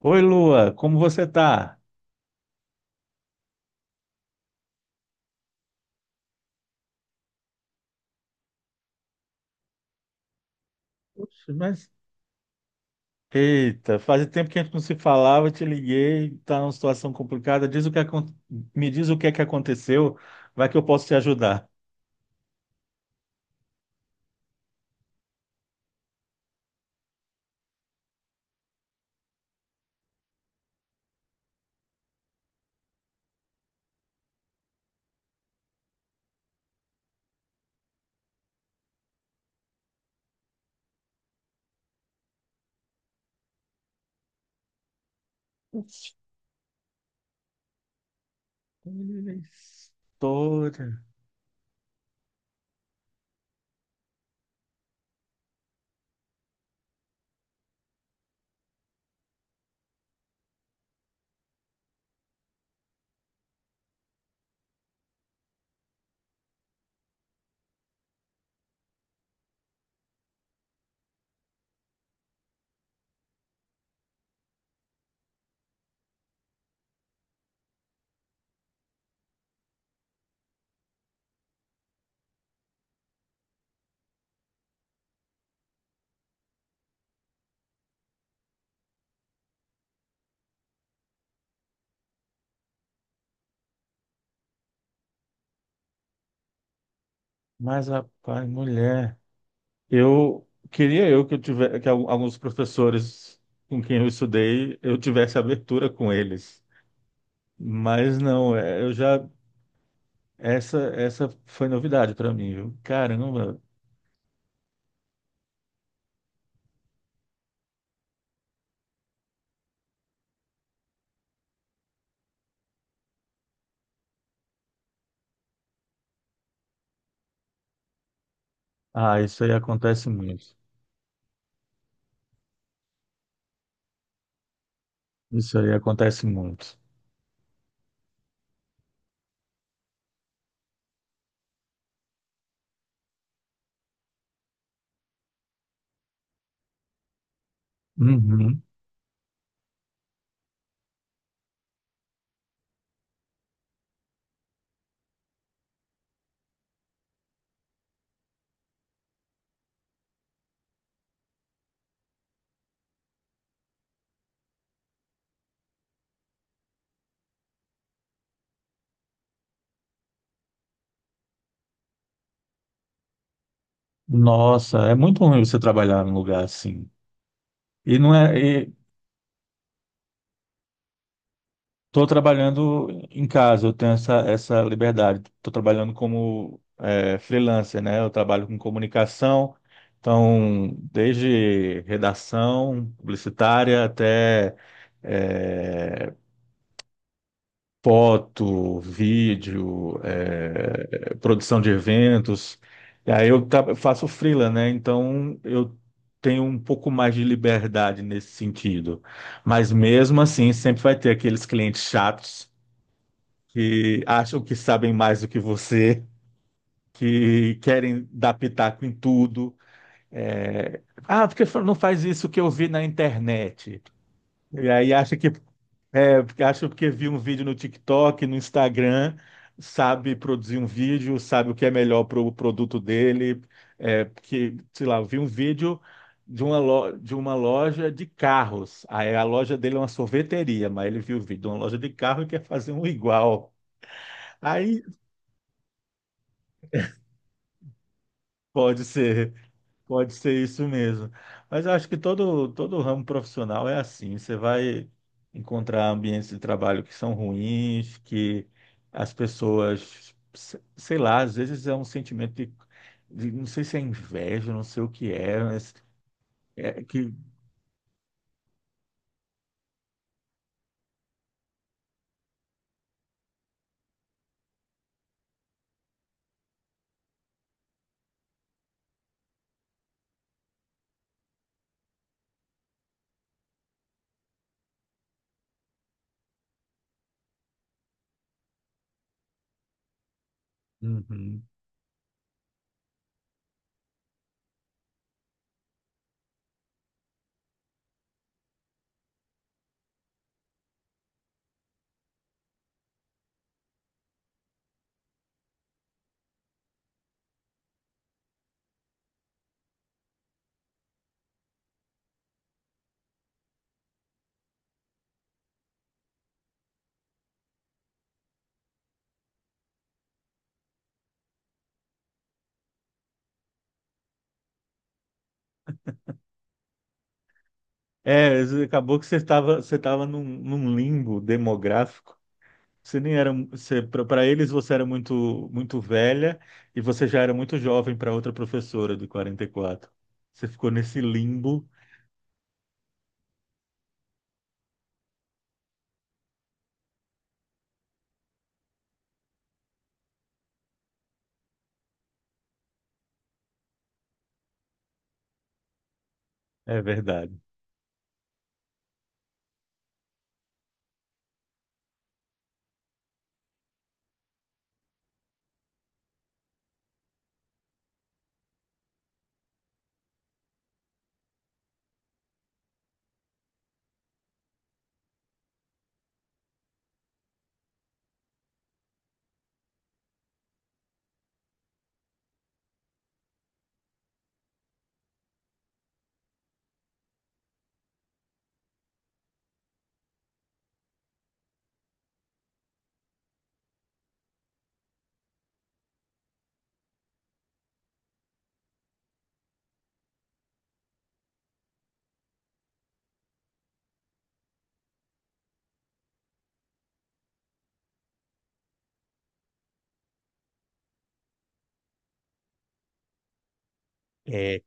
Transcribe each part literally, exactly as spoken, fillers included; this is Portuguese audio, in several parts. Oi, Lua, como você tá? Poxa, mas eita, faz tempo que a gente não se falava, eu te liguei, tá numa situação complicada. Diz o que acon- Me diz o que é que aconteceu, vai que eu posso te ajudar. Putz, olha a História, mas rapaz, mulher, eu queria eu que eu tivesse que al- alguns professores com quem eu estudei, eu tivesse abertura com eles. Mas não, é, eu já essa essa foi novidade para mim, viu? Caramba. Ah, isso aí acontece muito. Isso aí acontece muito. Uhum. Nossa, é muito ruim você trabalhar num lugar assim. E não é? E tô trabalhando em casa, eu tenho essa, essa liberdade. Estou trabalhando como é, freelancer, né? Eu trabalho com comunicação, então, desde redação publicitária até. É, foto, vídeo, eh, produção de eventos. E aí eu tra- faço freela, né? Então eu tenho um pouco mais de liberdade nesse sentido. Mas mesmo assim, sempre vai ter aqueles clientes chatos que acham que sabem mais do que você, que querem dar pitaco em tudo. Eh, ah, porque fa- não faz isso que eu vi na internet. E aí acha que Acho porque vi um vídeo no TikTok, no Instagram, sabe produzir um vídeo, sabe o que é melhor para o produto dele. É, porque, sei lá, eu vi um vídeo de uma, lo- de uma loja de carros. Aí a loja dele é uma sorveteria, mas ele viu o vídeo de uma loja de carro e quer fazer um igual. Aí pode ser. Pode ser isso mesmo. Mas eu acho que todo, todo ramo profissional é assim. Você vai encontrar ambientes de trabalho que são ruins, que as pessoas, se- sei lá, às vezes é um sentimento de, de- não sei se é inveja, não sei o que é, mas é que. Uhum. É, acabou que você estava você estava num, num limbo demográfico. Você nem era, você, para eles você era muito muito velha e você já era muito jovem para outra professora de quarenta e quatro. Você ficou nesse limbo, é verdade. É,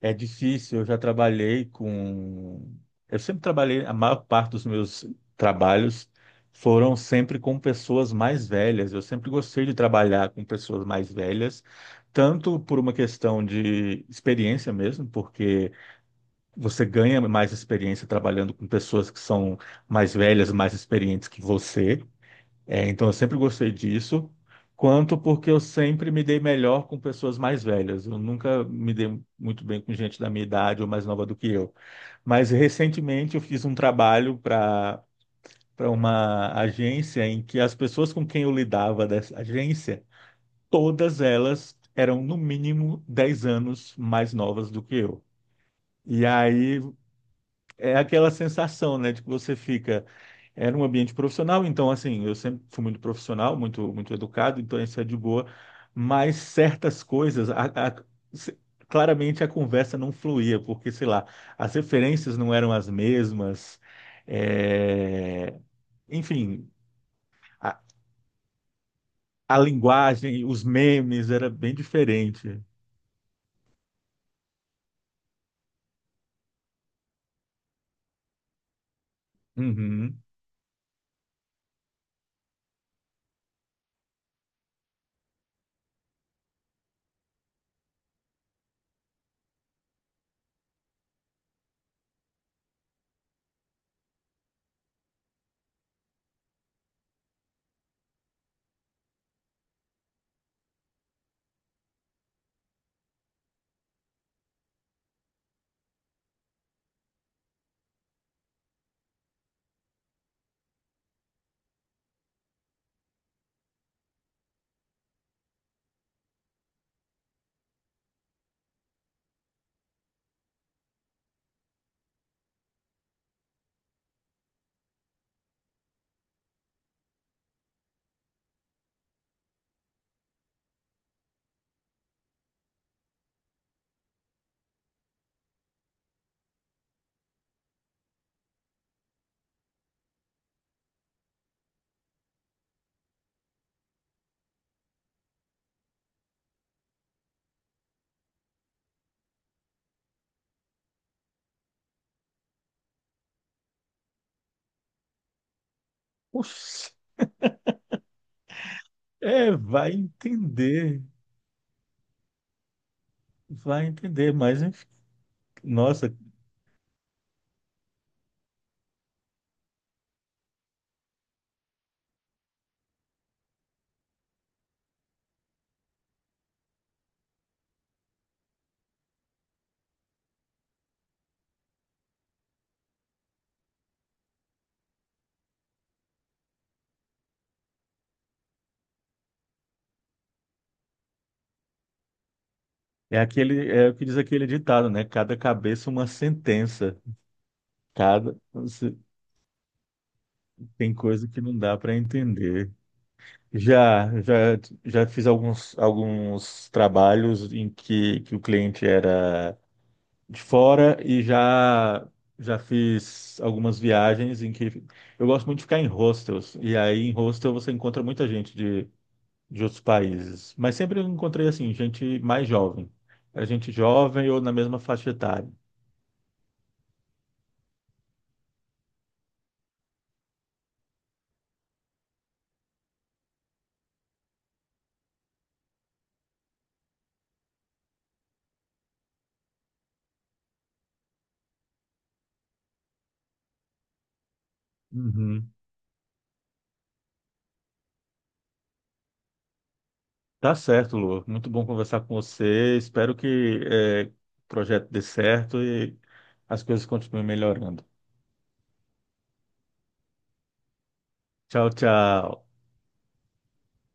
é difícil, eu já trabalhei com eu sempre trabalhei, a maior parte dos meus trabalhos foram sempre com pessoas mais velhas. Eu sempre gostei de trabalhar com pessoas mais velhas, tanto por uma questão de experiência mesmo, porque você ganha mais experiência trabalhando com pessoas que são mais velhas, mais experientes que você. É, então, eu sempre gostei disso. Quanto porque eu sempre me dei melhor com pessoas mais velhas. Eu nunca me dei muito bem com gente da minha idade ou mais nova do que eu. Mas recentemente eu fiz um trabalho para para uma agência em que as pessoas com quem eu lidava dessa agência, todas elas eram no mínimo dez anos mais novas do que eu. E aí é aquela sensação, né, de que você fica, era um ambiente profissional, então assim, eu sempre fui muito profissional, muito muito educado, então isso é de boa, mas certas coisas, a- a- se- claramente a conversa não fluía, porque sei lá, as referências não eram as mesmas, é, enfim, a, a linguagem, os memes era bem diferente. Uhum. Oxi, é, vai entender, vai entender, mas enfim, nossa. É aquele, é o que diz aquele ditado, né? Cada cabeça uma sentença. Cada se- tem coisa que não dá para entender. Já, já, já fiz alguns, alguns trabalhos em que, que o cliente era de fora e já, já fiz algumas viagens em que eu gosto muito de ficar em hostels. E aí em hostel você encontra muita gente de, de outros países. Mas sempre eu encontrei assim, gente mais jovem. Era gente jovem ou na mesma faixa etária. Uhum. Tá certo, Lu. Muito bom conversar com você. Espero que eh, o projeto dê certo e as coisas continuem melhorando. Tchau, tchau.